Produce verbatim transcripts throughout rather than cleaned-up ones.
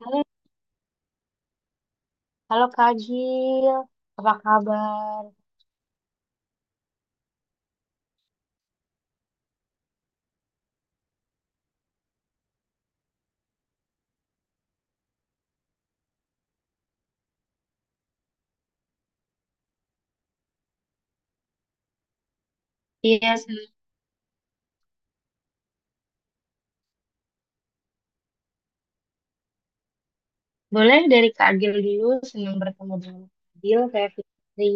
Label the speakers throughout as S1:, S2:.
S1: Halo, halo Kak Gil, apa kabar? Iya, senang. Boleh dari Kak Agil dulu, senang bertemu dengan Kak Agil, saya Fitri.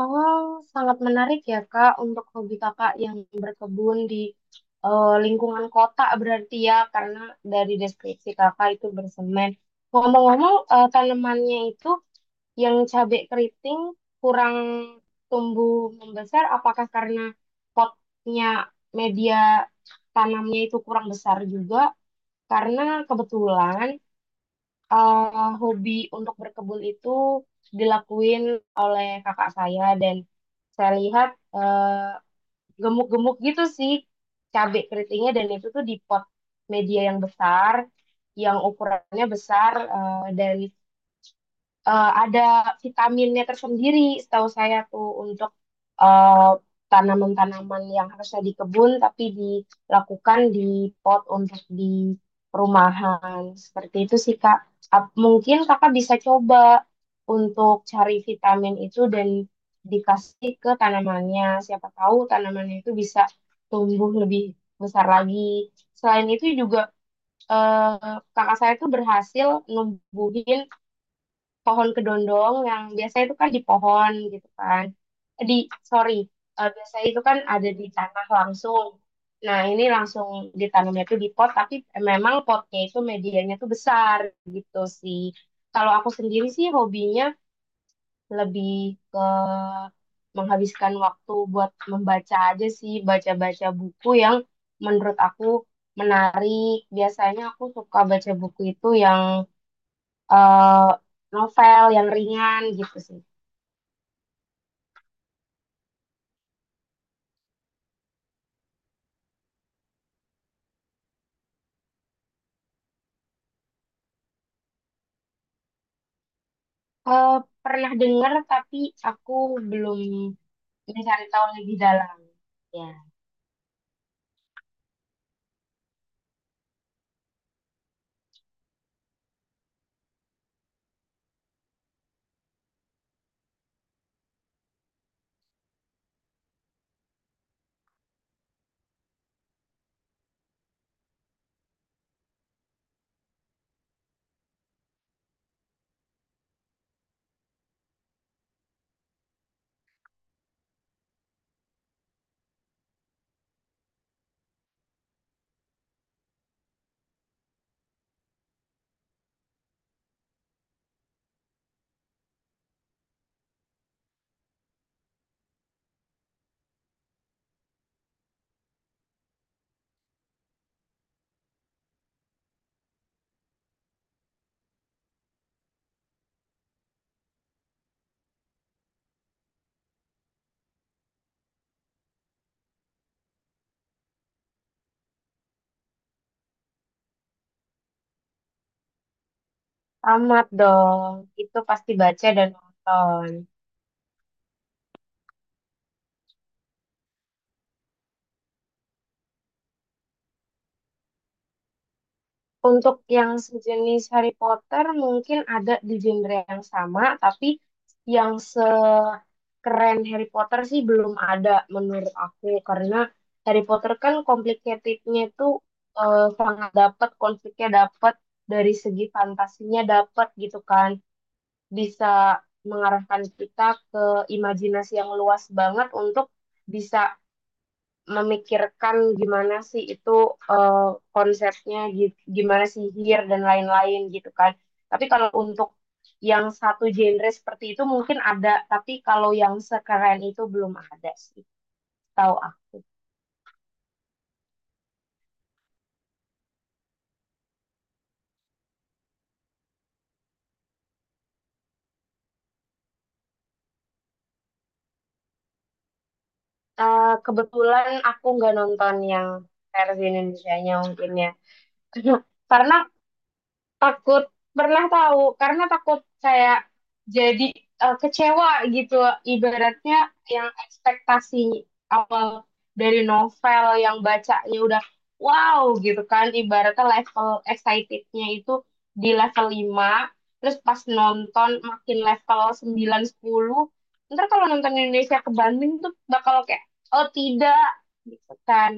S1: Oh, sangat menarik ya Kak untuk hobi Kakak yang berkebun di eh, lingkungan kota berarti ya, karena dari deskripsi Kakak itu bersemen. Ngomong-ngomong, eh, tanamannya itu yang cabai keriting kurang tumbuh membesar, apakah karena potnya media tanamnya itu kurang besar juga? Karena kebetulan eh, hobi untuk berkebun itu dilakuin oleh kakak saya dan saya lihat eh, gemuk-gemuk gitu sih cabai keritingnya dan itu tuh di pot media yang besar, yang ukurannya besar eh, dan eh, ada vitaminnya tersendiri setahu saya tuh untuk eh, tanaman-tanaman yang harusnya di kebun tapi dilakukan di pot untuk di perumahan. Seperti itu sih Kak. Ap- Mungkin Kakak bisa coba untuk cari vitamin itu dan dikasih ke tanamannya. Siapa tahu tanamannya itu bisa tumbuh lebih besar lagi. Selain itu juga eh, kakak saya tuh berhasil numbuhin pohon kedondong yang biasanya itu kan di pohon gitu kan. Eh, Di sorry, eh, biasanya itu kan ada di tanah langsung. Nah ini langsung ditanamnya tuh di pot, tapi memang potnya itu medianya tuh besar gitu sih. Kalau aku sendiri sih hobinya lebih ke menghabiskan waktu buat membaca aja sih, baca-baca buku yang menurut aku menarik. Biasanya aku suka baca buku itu yang eh, novel yang ringan gitu sih. Eh, pernah dengar tapi aku belum mencari tahu lebih dalam. Ya, tamat dong. Itu pasti baca dan nonton. Untuk yang sejenis Harry Potter mungkin ada di genre yang sama, tapi yang sekeren Harry Potter sih belum ada menurut aku. Karena Harry Potter kan complicatednya itu eh, sangat dapat, konfliknya dapat, dari segi fantasinya dapat gitu kan. Bisa mengarahkan kita ke imajinasi yang luas banget untuk bisa memikirkan gimana sih itu eh, konsepnya gitu, gimana sihir dan lain-lain gitu kan. Tapi kalau untuk yang satu genre seperti itu mungkin ada, tapi kalau yang sekeren itu belum ada sih, tahu aku. Eh, kebetulan aku nggak nonton yang versi Indonesia-nya mungkin ya. Karena takut pernah tahu karena takut kayak jadi eh, kecewa gitu ibaratnya yang ekspektasi awal dari novel yang bacanya udah wow gitu kan ibaratnya level excitednya itu di level lima terus pas nonton makin level sembilan sepuluh ntar kalau nonton Indonesia ke Bandung tuh bakal kayak oh tidak gitu kan.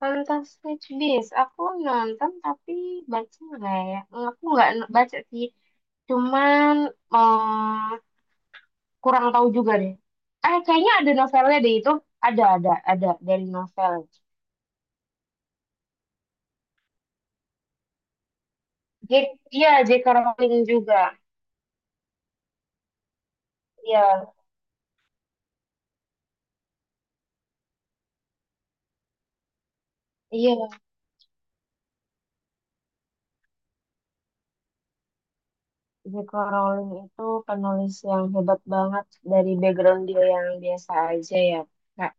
S1: Tentang Stitch Beast, aku nonton tapi baca nggak ya? Aku nggak n- baca sih, cuman eh, kurang tahu juga deh. Eh, kayaknya ada novelnya deh itu. Ada, ada, ada dari novel. J iya, J K Rowling juga. Iya, iya. J K Rowling itu penulis yang hebat banget dari background dia yang biasa aja ya, Kak.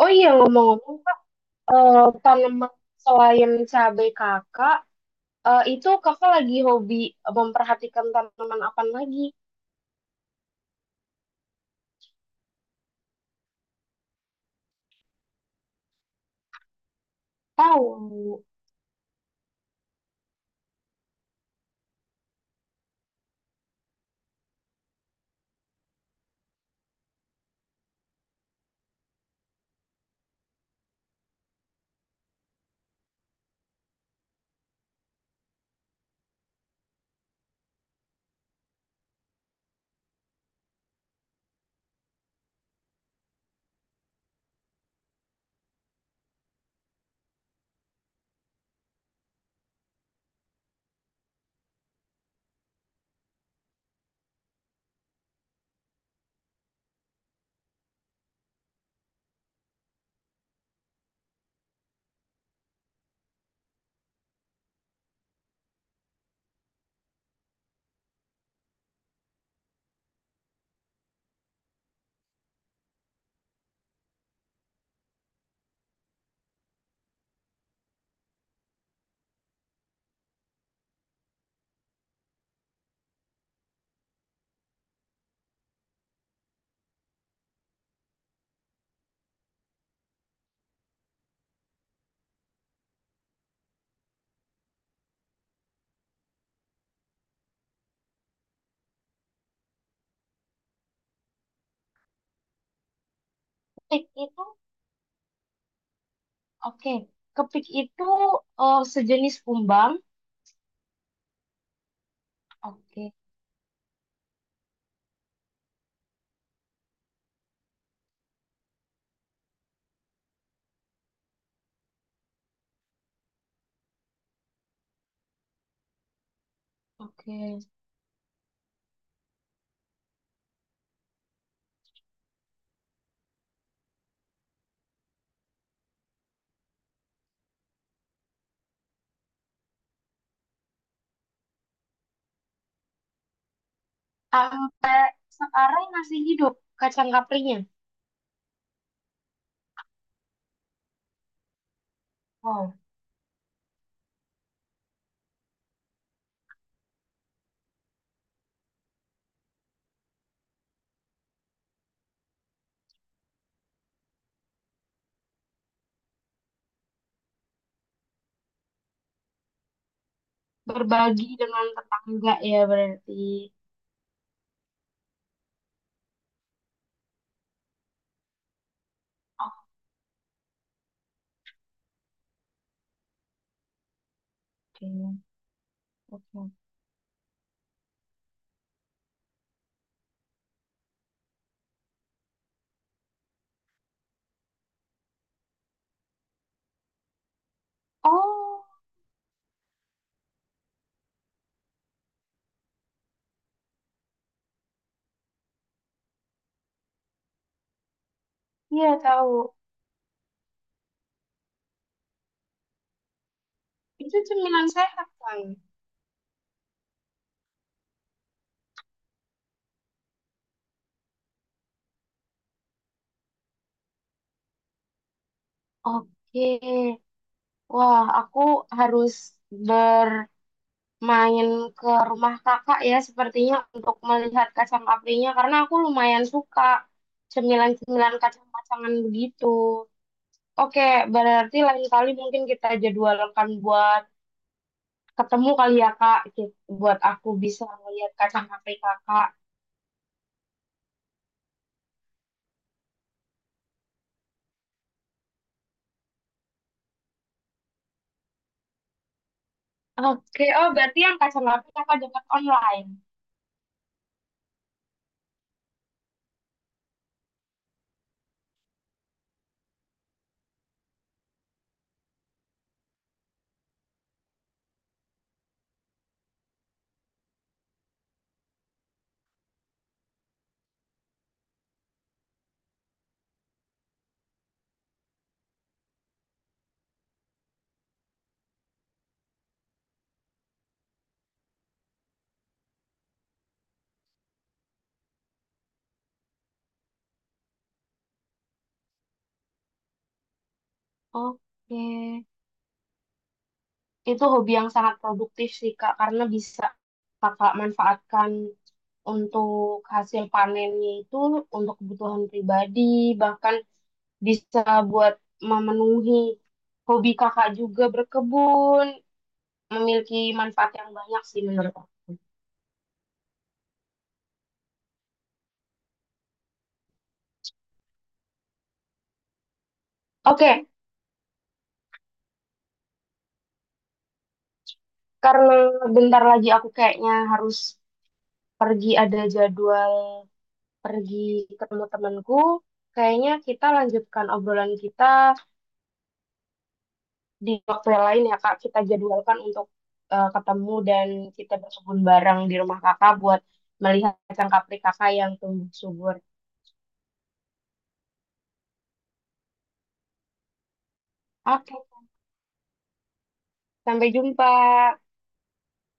S1: Oh iya, ngomong-ngomong, Kak, eh, tanaman selain cabai kakak, Eh, itu kakak lagi hobi memperhatikan tanaman apa lagi? Tahu, pik itu, oke. Kepik itu eh, sejenis kumbang, oke, oke. Sampai sekarang masih hidup kacang kaprinya. Wow, berbagi dengan tetangga ya berarti. Oke, oke. Oh, iya tahu. Itu cemilan sehat kan? Oke, wah aku harus ber main ke rumah kakak ya sepertinya untuk melihat kacang apinya karena aku lumayan suka cemilan-cemilan kacang-kacangan begitu. Oke, berarti lain kali mungkin kita jadwalkan buat ketemu kali ya Kak, Ki- buat aku bisa melihat kacang api kakak. Oke, oh berarti yang kacang api kakak dapat online. Oke, itu hobi yang sangat produktif sih Kak, karena bisa kakak manfaatkan untuk hasil panennya itu untuk kebutuhan pribadi, bahkan bisa buat memenuhi hobi kakak juga berkebun, memiliki manfaat yang banyak sih menurut aku. Oke, karena bentar lagi aku kayaknya harus pergi ada jadwal pergi ketemu temanku, kayaknya kita lanjutkan obrolan kita di waktu yang lain ya Kak, kita jadwalkan untuk eh, ketemu dan kita berkebun bareng di rumah Kakak buat melihat cangkapri Kakak yang tumbuh subur. Oke, sampai jumpa.